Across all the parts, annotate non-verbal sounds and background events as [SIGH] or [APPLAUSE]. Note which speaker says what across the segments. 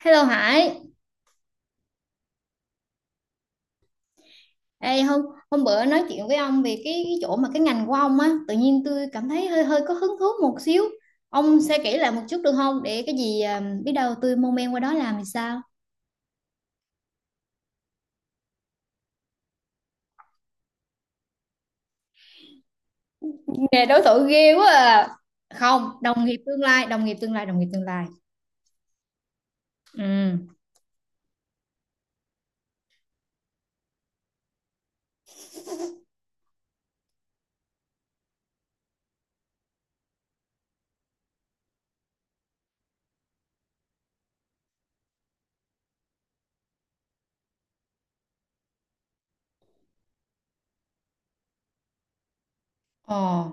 Speaker 1: Hello Hải. Ê, hôm hôm bữa nói chuyện với ông về cái chỗ mà cái ngành của ông á, tự nhiên tôi cảm thấy hơi hơi có hứng thú một xíu. Ông sẽ kể lại một chút được không? Để cái gì à, biết đâu tôi mong men qua đó làm thì sao? Nghề đối thủ ghê quá à. Không, đồng nghiệp tương lai, đồng nghiệp tương lai, đồng nghiệp tương lai. Ừ. Ờ,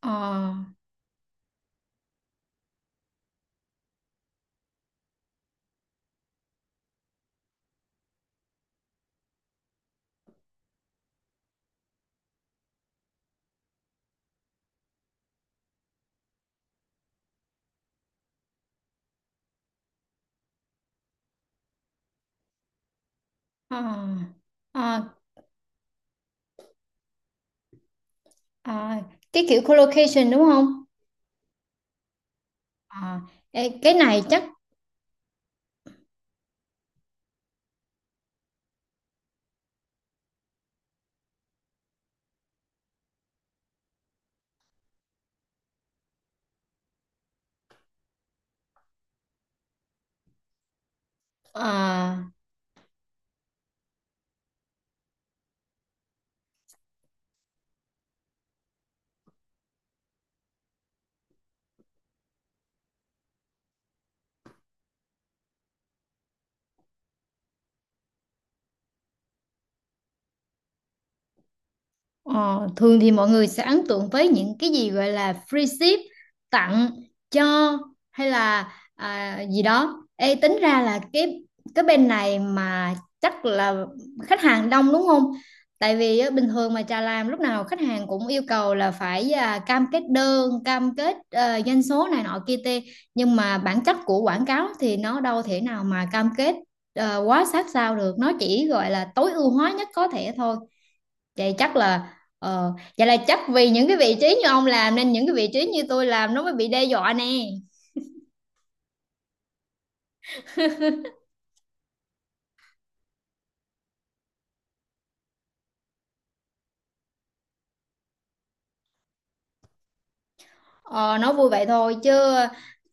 Speaker 1: ờ, ờ, ờ, ờ. Cái kiểu collocation đúng không? Ờ, cái này chắc ờ, Ờ, thường thì mọi người sẽ ấn tượng với những cái gì gọi là free ship tặng cho hay là gì đó. Ê, tính ra là cái bên này mà chắc là khách hàng đông đúng không? Tại vì á, bình thường mà trà làm lúc nào khách hàng cũng yêu cầu là phải cam kết đơn, cam kết doanh số này nọ kia tê. Nhưng mà bản chất của quảng cáo thì nó đâu thể nào mà cam kết quá sát sao được. Nó chỉ gọi là tối ưu hóa nhất có thể thôi. Vậy chắc là vậy là chắc vì những cái vị trí như ông làm nên những cái vị trí như tôi làm nó mới bị đe dọa nè. Ờ, nói vui vậy thôi chứ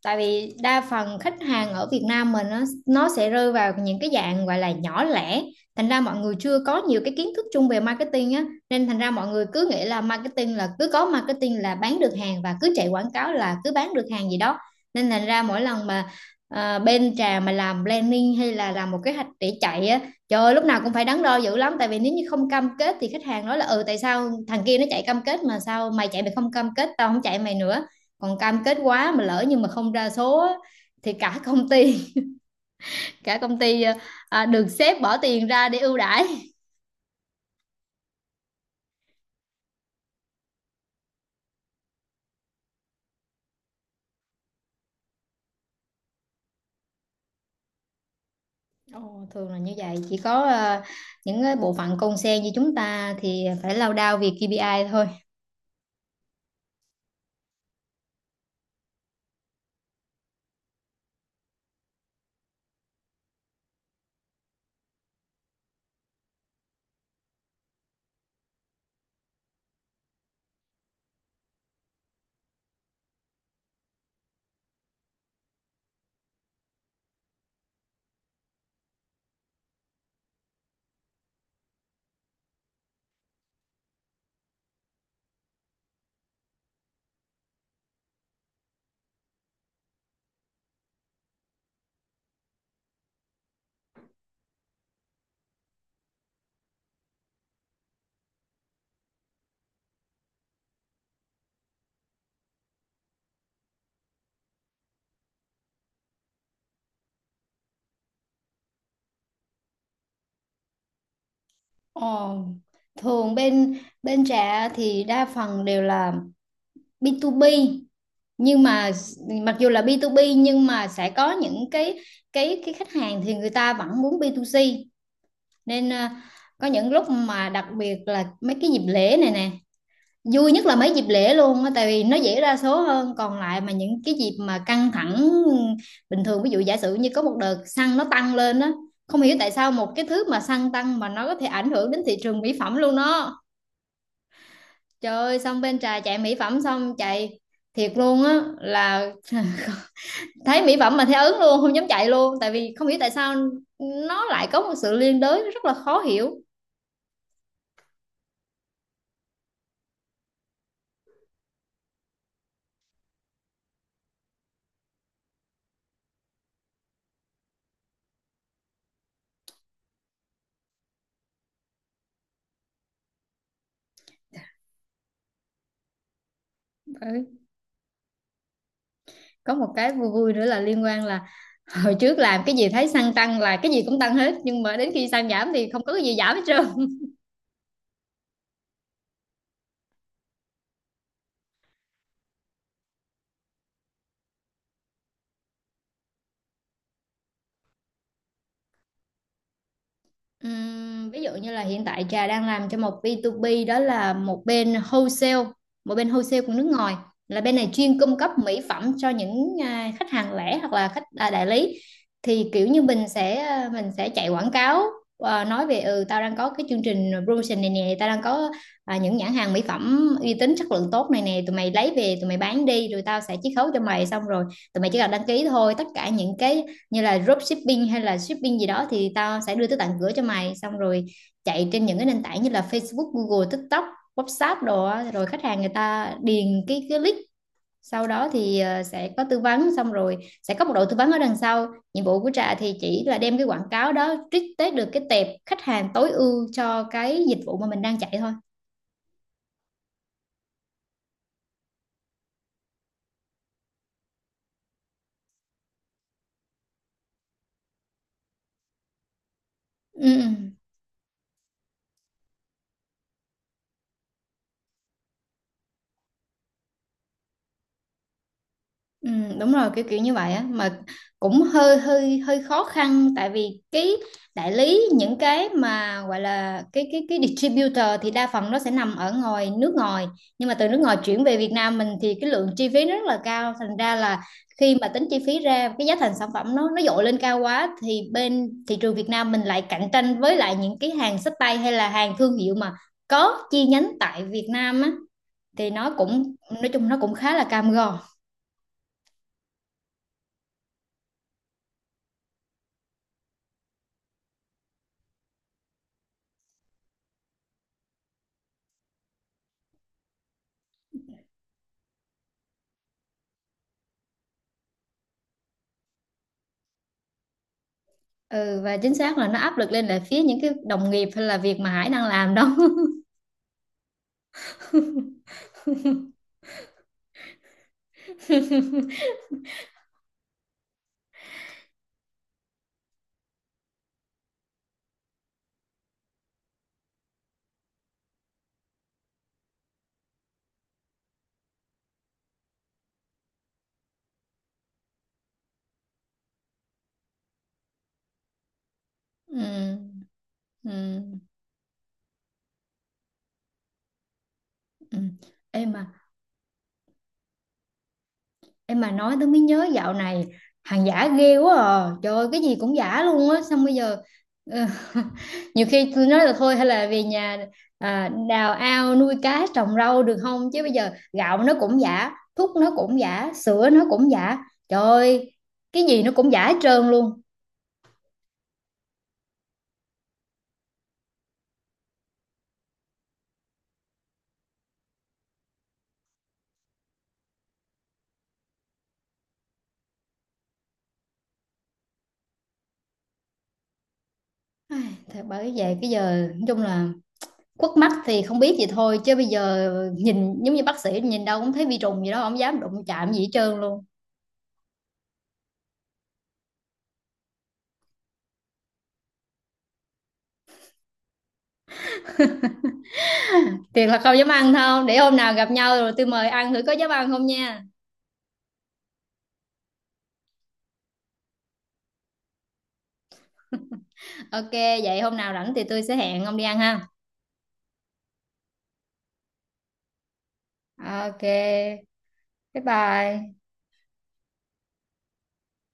Speaker 1: tại vì đa phần khách hàng ở Việt Nam mình nó sẽ rơi vào những cái dạng gọi là nhỏ lẻ, thành ra mọi người chưa có nhiều cái kiến thức chung về marketing á, nên thành ra mọi người cứ nghĩ là marketing là cứ có marketing là bán được hàng và cứ chạy quảng cáo là cứ bán được hàng gì đó. Nên thành ra mỗi lần mà bên trà mà làm planning hay là làm một kế hoạch để chạy á, trời ơi, lúc nào cũng phải đắn đo dữ lắm, tại vì nếu như không cam kết thì khách hàng nói là ừ tại sao thằng kia nó chạy cam kết mà sao mày chạy mày không cam kết tao không chạy mày nữa, còn cam kết quá mà lỡ nhưng mà không ra số thì cả [LAUGHS] công ty, cả công ty được sếp bỏ tiền ra để ưu đãi. Ồ, thường là như vậy, chỉ có những cái bộ phận con sen như chúng ta thì phải lao đao vì KPI thôi. Ồ, thường bên bên trẻ thì đa phần đều là B2B, nhưng mà mặc dù là B2B nhưng mà sẽ có những cái khách hàng thì người ta vẫn muốn B2C, nên có những lúc mà đặc biệt là mấy cái dịp lễ này nè, vui nhất là mấy dịp lễ luôn á tại vì nó dễ ra số hơn, còn lại mà những cái dịp mà căng thẳng bình thường, ví dụ giả sử như có một đợt xăng nó tăng lên á, không hiểu tại sao một cái thứ mà xăng tăng mà nó có thể ảnh hưởng đến thị trường mỹ phẩm luôn đó. Trời ơi xong bên trà chạy mỹ phẩm xong chạy thiệt luôn á là, [LAUGHS] thấy mỹ phẩm mà thấy ớn luôn không dám chạy luôn tại vì không hiểu tại sao nó lại có một sự liên đới rất là khó hiểu. Ừ. Có một cái vui vui nữa là liên quan là hồi trước làm cái gì thấy xăng tăng là cái gì cũng tăng hết, nhưng mà đến khi xăng giảm thì không có cái gì giảm hết trơn. Ví dụ như là hiện tại Trà đang làm cho một B2B, đó là một bên wholesale của nước ngoài, là bên này chuyên cung cấp mỹ phẩm cho những khách hàng lẻ hoặc là khách đại lý, thì kiểu như mình sẽ mình sẽ chạy quảng cáo nói về ừ tao đang có cái chương trình promotion này nè, tao đang có những nhãn hàng mỹ phẩm uy tín chất lượng tốt này nè, tụi mày lấy về tụi mày bán đi rồi tao sẽ chiết khấu cho mày, xong rồi tụi mày chỉ cần đăng ký thôi, tất cả những cái như là dropshipping hay là shipping gì đó thì tao sẽ đưa tới tận cửa cho mày, xong rồi chạy trên những cái nền tảng như là Facebook, Google, TikTok, WhatsApp đồ á. Rồi khách hàng người ta điền cái link, sau đó thì sẽ có tư vấn, xong rồi sẽ có một đội tư vấn ở đằng sau. Nhiệm vụ của Trà thì chỉ là đem cái quảng cáo đó trích tới được cái tệp khách hàng tối ưu cho cái dịch vụ mà mình đang chạy thôi. Ừ. Ừ. Ừ, đúng rồi kiểu kiểu như vậy á mà cũng hơi hơi hơi khó khăn tại vì cái đại lý những cái mà gọi là cái distributor thì đa phần nó sẽ nằm ở ngoài nước ngoài, nhưng mà từ nước ngoài chuyển về Việt Nam mình thì cái lượng chi phí nó rất là cao, thành ra là khi mà tính chi phí ra cái giá thành sản phẩm nó dội lên cao quá thì bên thị trường Việt Nam mình lại cạnh tranh với lại những cái hàng xách tay hay là hàng thương hiệu mà có chi nhánh tại Việt Nam á, thì nó cũng nói chung nó cũng khá là cam go. Ừ và chính xác là nó áp lực lên là phía những cái đồng nghiệp hay là việc mà Hải đang làm đó. [LAUGHS] ừ, ừ, ừ. Em mà, em mà nói tôi mới nhớ dạo này hàng giả ghê quá à, trời ơi, cái gì cũng giả luôn á, xong bây giờ ờ, [LAUGHS] nhiều khi tôi nói là thôi hay là về nhà đào ao nuôi cá trồng rau được không, chứ bây giờ gạo nó cũng giả, thuốc nó cũng giả, sữa nó cũng giả, trời ơi, cái gì nó cũng giả hết trơn luôn. Ai, thật, bởi vậy cái giờ nói chung là quất mắt thì không biết gì thôi chứ bây giờ nhìn giống như bác sĩ, nhìn đâu cũng thấy vi trùng gì đó, không dám đụng chạm gì hết trơn luôn. [LAUGHS] Thiệt là không dám ăn thôi, để hôm nào gặp nhau rồi tôi mời ăn thử có dám ăn không nha. Ok, vậy hôm nào rảnh thì tôi sẽ hẹn ông đi ăn ha. Ok, bye bye.